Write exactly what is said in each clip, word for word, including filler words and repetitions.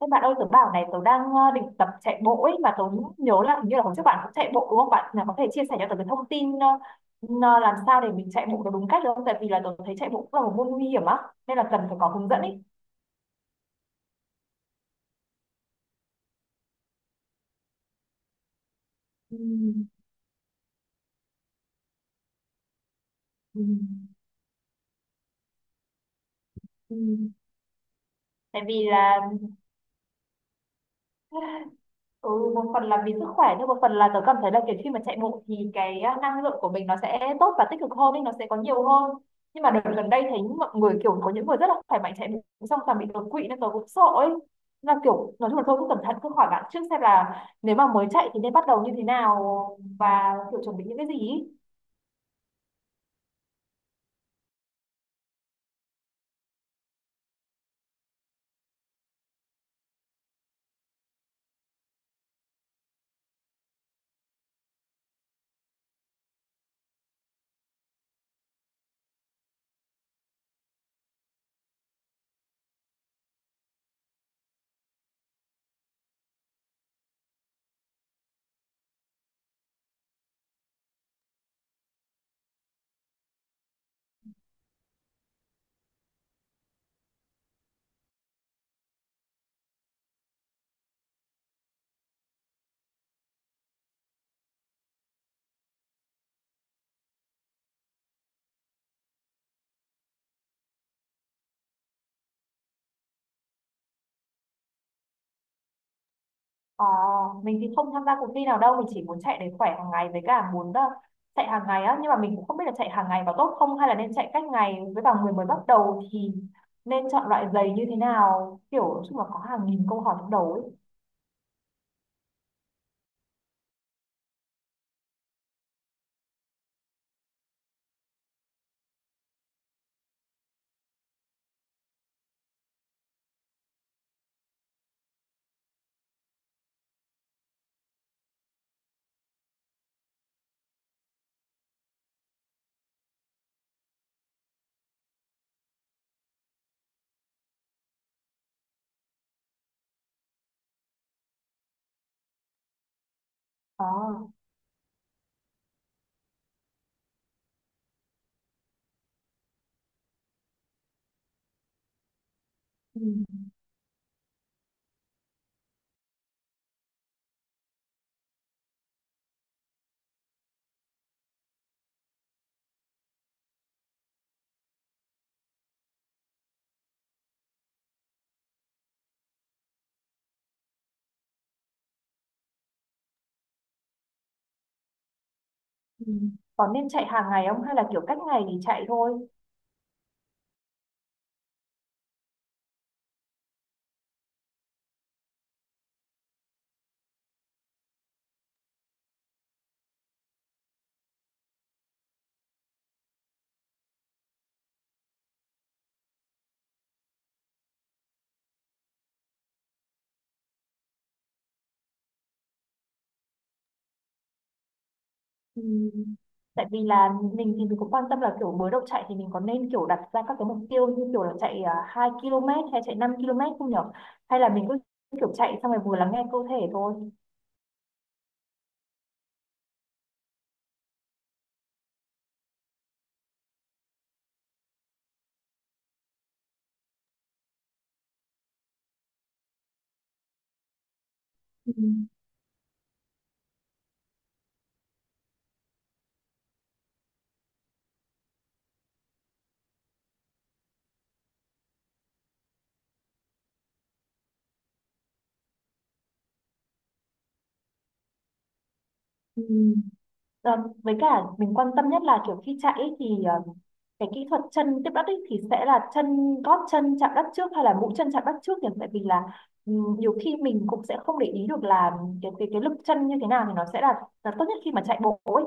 Các bạn ơi, tớ bảo này, tớ đang ờ, định tập chạy bộ ấy mà tớ nhớ là hình như là hôm trước bạn cũng chạy bộ đúng không? Bạn là có thể chia sẻ cho tớ cái thông tin ờ, ờ, làm sao để mình chạy bộ được đúng cách được không? Tại vì là tớ thấy chạy bộ cũng là một môn nguy hiểm á, nên là cần phải có hướng dẫn ấy. Ừ, ừ, ừ. Tại vì là, Ừ, một phần là vì sức khỏe nhưng một phần là tớ cảm thấy là kiểu khi mà chạy bộ thì cái à, năng lượng của mình nó sẽ tốt và tích cực hơn nên nó sẽ có nhiều hơn, nhưng mà đợt gần đây thấy mọi người kiểu có những người rất là khỏe mạnh chạy bộ xong toàn bị đột quỵ nên tớ cũng sợ ấy. Nên là kiểu nói chung là thôi cứ cẩn thận cứ hỏi bạn trước xem là nếu mà mới chạy thì nên bắt đầu như thế nào và kiểu chuẩn bị những cái gì ý. Ờ, mình thì không tham gia cuộc thi nào đâu, mình chỉ muốn chạy để khỏe hàng ngày với cả muốn ờ, chạy hàng ngày á, nhưng mà mình cũng không biết là chạy hàng ngày có tốt không hay là nên chạy cách ngày với vào người mới bắt đầu thì nên chọn loại giày như thế nào, kiểu nói chung là có hàng nghìn câu hỏi trong đầu ấy. Ờ, ừ, ừ. Còn nên chạy hàng ngày không hay là kiểu cách ngày thì chạy thôi? Ừ. Tại vì là mình thì mình cũng quan tâm là kiểu mới đầu chạy thì mình có nên kiểu đặt ra các cái mục tiêu như kiểu là chạy à, hai cây hay chạy năm cây không nhở? Hay là mình cứ kiểu chạy xong rồi vừa lắng nghe cơ thể thôi. Ừ. Ừ. Ờ, với cả mình quan tâm nhất là kiểu khi chạy ấy thì ờ, cái kỹ thuật chân tiếp đất ấy thì sẽ là chân gót chân chạm đất trước hay là mũi chân chạm đất trước nhỉ? Tại vì là ừ, nhiều khi mình cũng sẽ không để ý được là cái cái, cái lực chân như thế nào thì nó sẽ là, là tốt nhất khi mà chạy bộ ấy.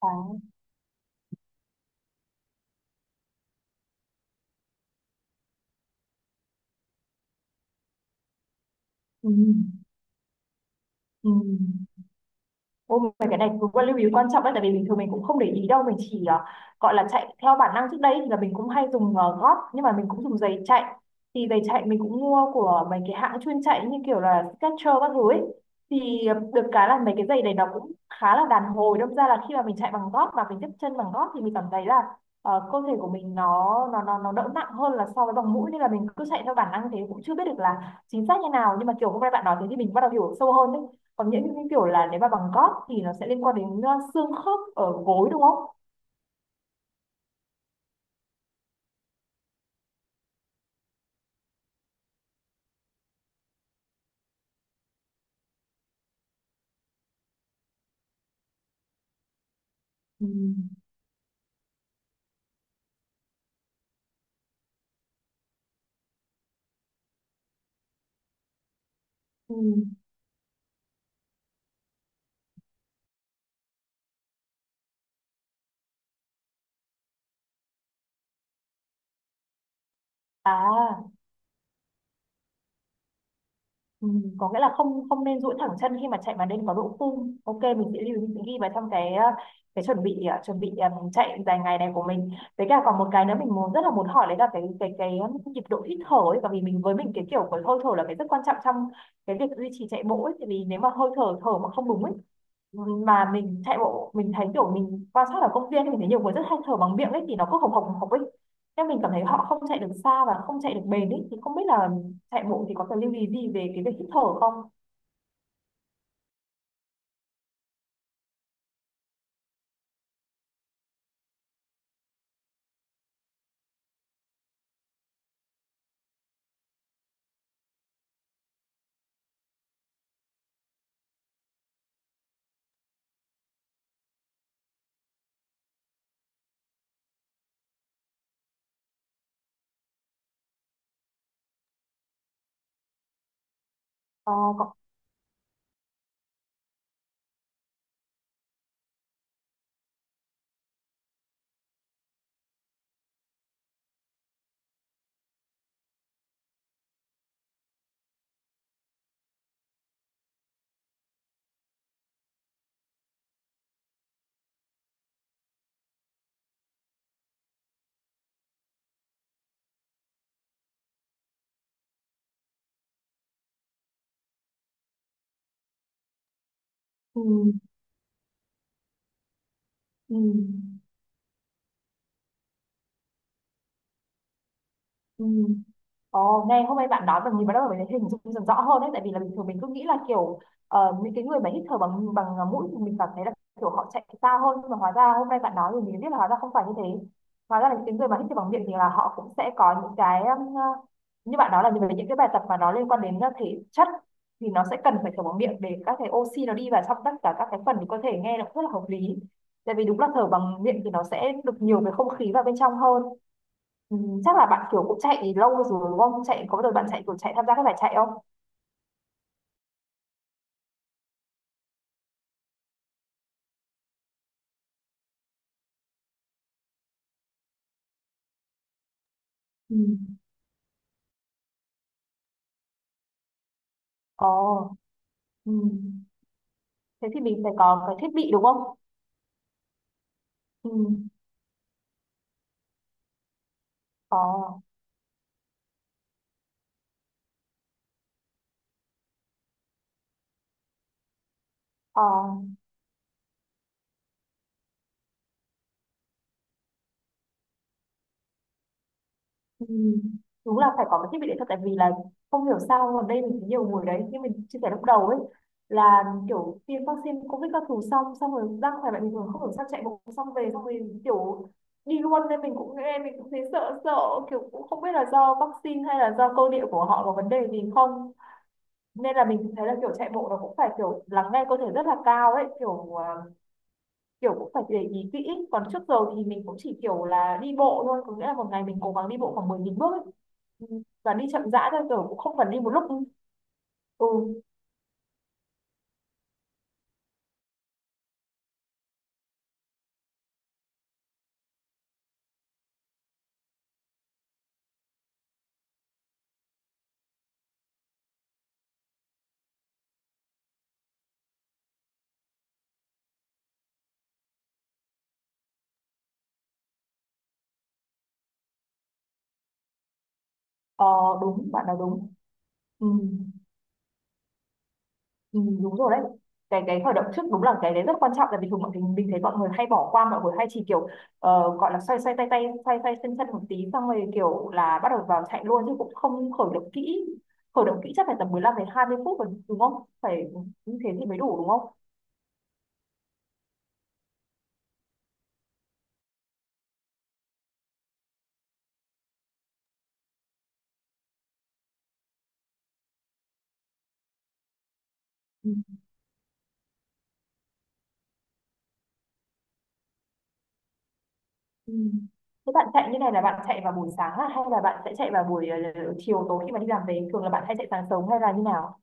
À. Ừ. Ừm. Ôi, mà cái này cũng là lưu ý quan trọng đấy, tại vì bình thường mình cũng không để ý đâu, mình chỉ ờ, gọi là chạy theo bản năng. Trước đây thì là mình cũng hay dùng ờ, gót, nhưng mà mình cũng dùng giày chạy. Thì giày chạy mình cũng mua của mấy cái hãng chuyên chạy như kiểu là Skechers các thứ ấy. Thì ờ, được cái là mấy cái giày này nó cũng khá là đàn hồi, đâm ra là khi mà mình chạy bằng gót và mình tiếp chân bằng gót thì mình cảm thấy là ờ, cơ thể của mình nó nó nó nó đỡ nặng hơn là so với bằng mũi, nên là mình cứ chạy theo bản năng thế cũng chưa biết được là chính xác như nào, nhưng mà kiểu hôm nay bạn nói thế thì mình bắt đầu hiểu sâu hơn đấy. Còn những những kiểu là nếu mà bằng gót thì nó sẽ liên quan đến ờ, xương khớp ở gối đúng không? Ừ. Ừ. À, ừ. Có nghĩa là không không nên duỗi thẳng chân khi mà chạy mà nên có độ phung. Ok, mình sẽ lưu ý, mình sẽ ghi vào trong cái ờ, cái chuẩn bị, ờ, chuẩn bị ờ, chạy dài ngày này của mình. Với cả còn một cái nữa mình muốn rất là muốn hỏi đấy là cái cái cái um, nhịp độ hít thở ấy, bởi vì mình với mình cái kiểu của hơi thở là cái rất quan trọng trong cái việc duy trì chạy bộ ấy, tại vì nếu mà hơi thở thở mà không đúng ấy, mà mình chạy bộ, mình thấy kiểu mình quan sát ở công viên mình thấy nhiều người rất hay thở bằng miệng ấy, thì nó cứ hồng hộc hồng hộc ấy, nhưng mình cảm thấy họ không chạy được xa và không chạy được bền ấy, thì không biết là chạy bộ thì có cần lưu ý gì về cái việc hít thở không? ờ, có... ừ, ừ, ừ. Ồ, nghe hôm nay bạn nói và nhìn vào đó mình thấy hình dung dần rõ hơn đấy, tại vì là bình thường mình cứ nghĩ là kiểu ờ, những cái người mà hít thở bằng bằng à, mũi thì mình cảm thấy là kiểu họ chạy xa hơn, nhưng mà hóa ra hôm nay bạn nói thì mình mới biết là hóa ra không phải như thế. Hóa ra là những cái người mà hít thở bằng miệng thì là họ cũng sẽ có những cái um, ờ, như bạn nói là về những cái bài tập mà nó liên quan đến ờ, thể chất, thì nó sẽ cần phải thở bằng miệng để các cái oxy nó đi vào trong tất cả các cái phần của cơ thể, nghe nó cũng rất là hợp lý. Tại vì đúng là thở bằng miệng thì nó sẽ được nhiều cái không khí vào bên trong hơn. Ừ, chắc là bạn kiểu cũng chạy lâu rồi đúng không? Chạy có bao giờ bạn chạy kiểu chạy tham gia các giải chạy không? Ừ. Ồ, ừ. Thế thì mình phải có cái thiết bị đúng không? Ừ. Ồ, ờ, ừ. Đúng là phải có cái thiết bị đấy thật, tại vì là không hiểu sao ở đây mình thấy nhiều người đấy, nhưng mình chia sẻ lúc đầu ấy, là kiểu tiêm vaccine covid các thứ xong xong rồi ra khỏe mạnh bình thường, không hiểu sao chạy bộ xong về xong rồi kiểu đi luôn, nên mình cũng nghe mình cũng thấy sợ sợ, kiểu cũng không biết là do vaccine hay là do cơ địa của họ có vấn đề gì không. Nên là mình thấy là kiểu chạy bộ nó cũng phải kiểu lắng nghe cơ thể rất là cao ấy, kiểu à, kiểu cũng phải để ý kỹ. Còn trước giờ thì mình cũng chỉ kiểu là đi bộ thôi, có nghĩa là một ngày mình cố gắng đi bộ khoảng mười nghìn bước ấy. Ừ, và đi chậm rãi thôi kiểu cũng không cần đi một lúc. Ừ. Ờ, đúng, bạn nói đúng. Ừ. Ừ, đúng rồi đấy, cái cái khởi động trước đúng là cái đấy rất quan trọng, tại vì thường mọi người mình thấy mọi người hay bỏ qua, mọi người hay chỉ kiểu ờ, gọi là xoay xoay tay tay xoay xoay chân chân một tí xong rồi kiểu là bắt đầu vào chạy luôn chứ cũng không khởi động kỹ. Khởi động kỹ chắc phải tầm mười lăm đến hai mươi phút rồi đúng không? Phải như thế thì mới đủ đúng không? Ừ. Ừ. Thế bạn chạy như này là bạn chạy vào buổi sáng à? Hay là bạn sẽ chạy vào buổi ờ, chiều tối khi mà đi làm về? Thường là bạn hay chạy sáng sớm hay là như nào?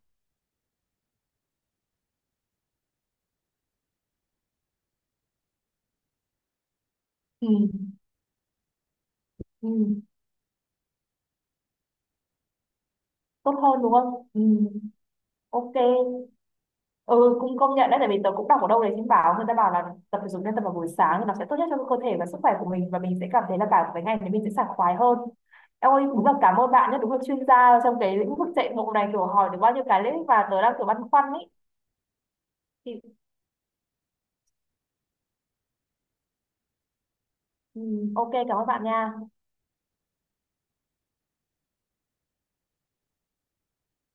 Ừ. Ừ. Tốt hơn đúng không? Ừ. Ok. Ừ, cũng công nhận đấy, tại vì tớ cũng đọc ở đâu đấy trên báo người ta bảo là tập thể dục nên tập vào buổi sáng thì nó sẽ tốt nhất cho cơ thể và sức khỏe của mình, và mình sẽ cảm thấy là cả cái ngày đấy mình sẽ sảng khoái hơn. Em ơi, đúng là cảm ơn bạn nhé, đúng là chuyên gia trong cái lĩnh vực chạy bộ này, kiểu hỏi được bao nhiêu cái lĩnh vực mà tớ đang kiểu băn khoăn ý. Thì ừ, ok, cảm ơn bạn nha.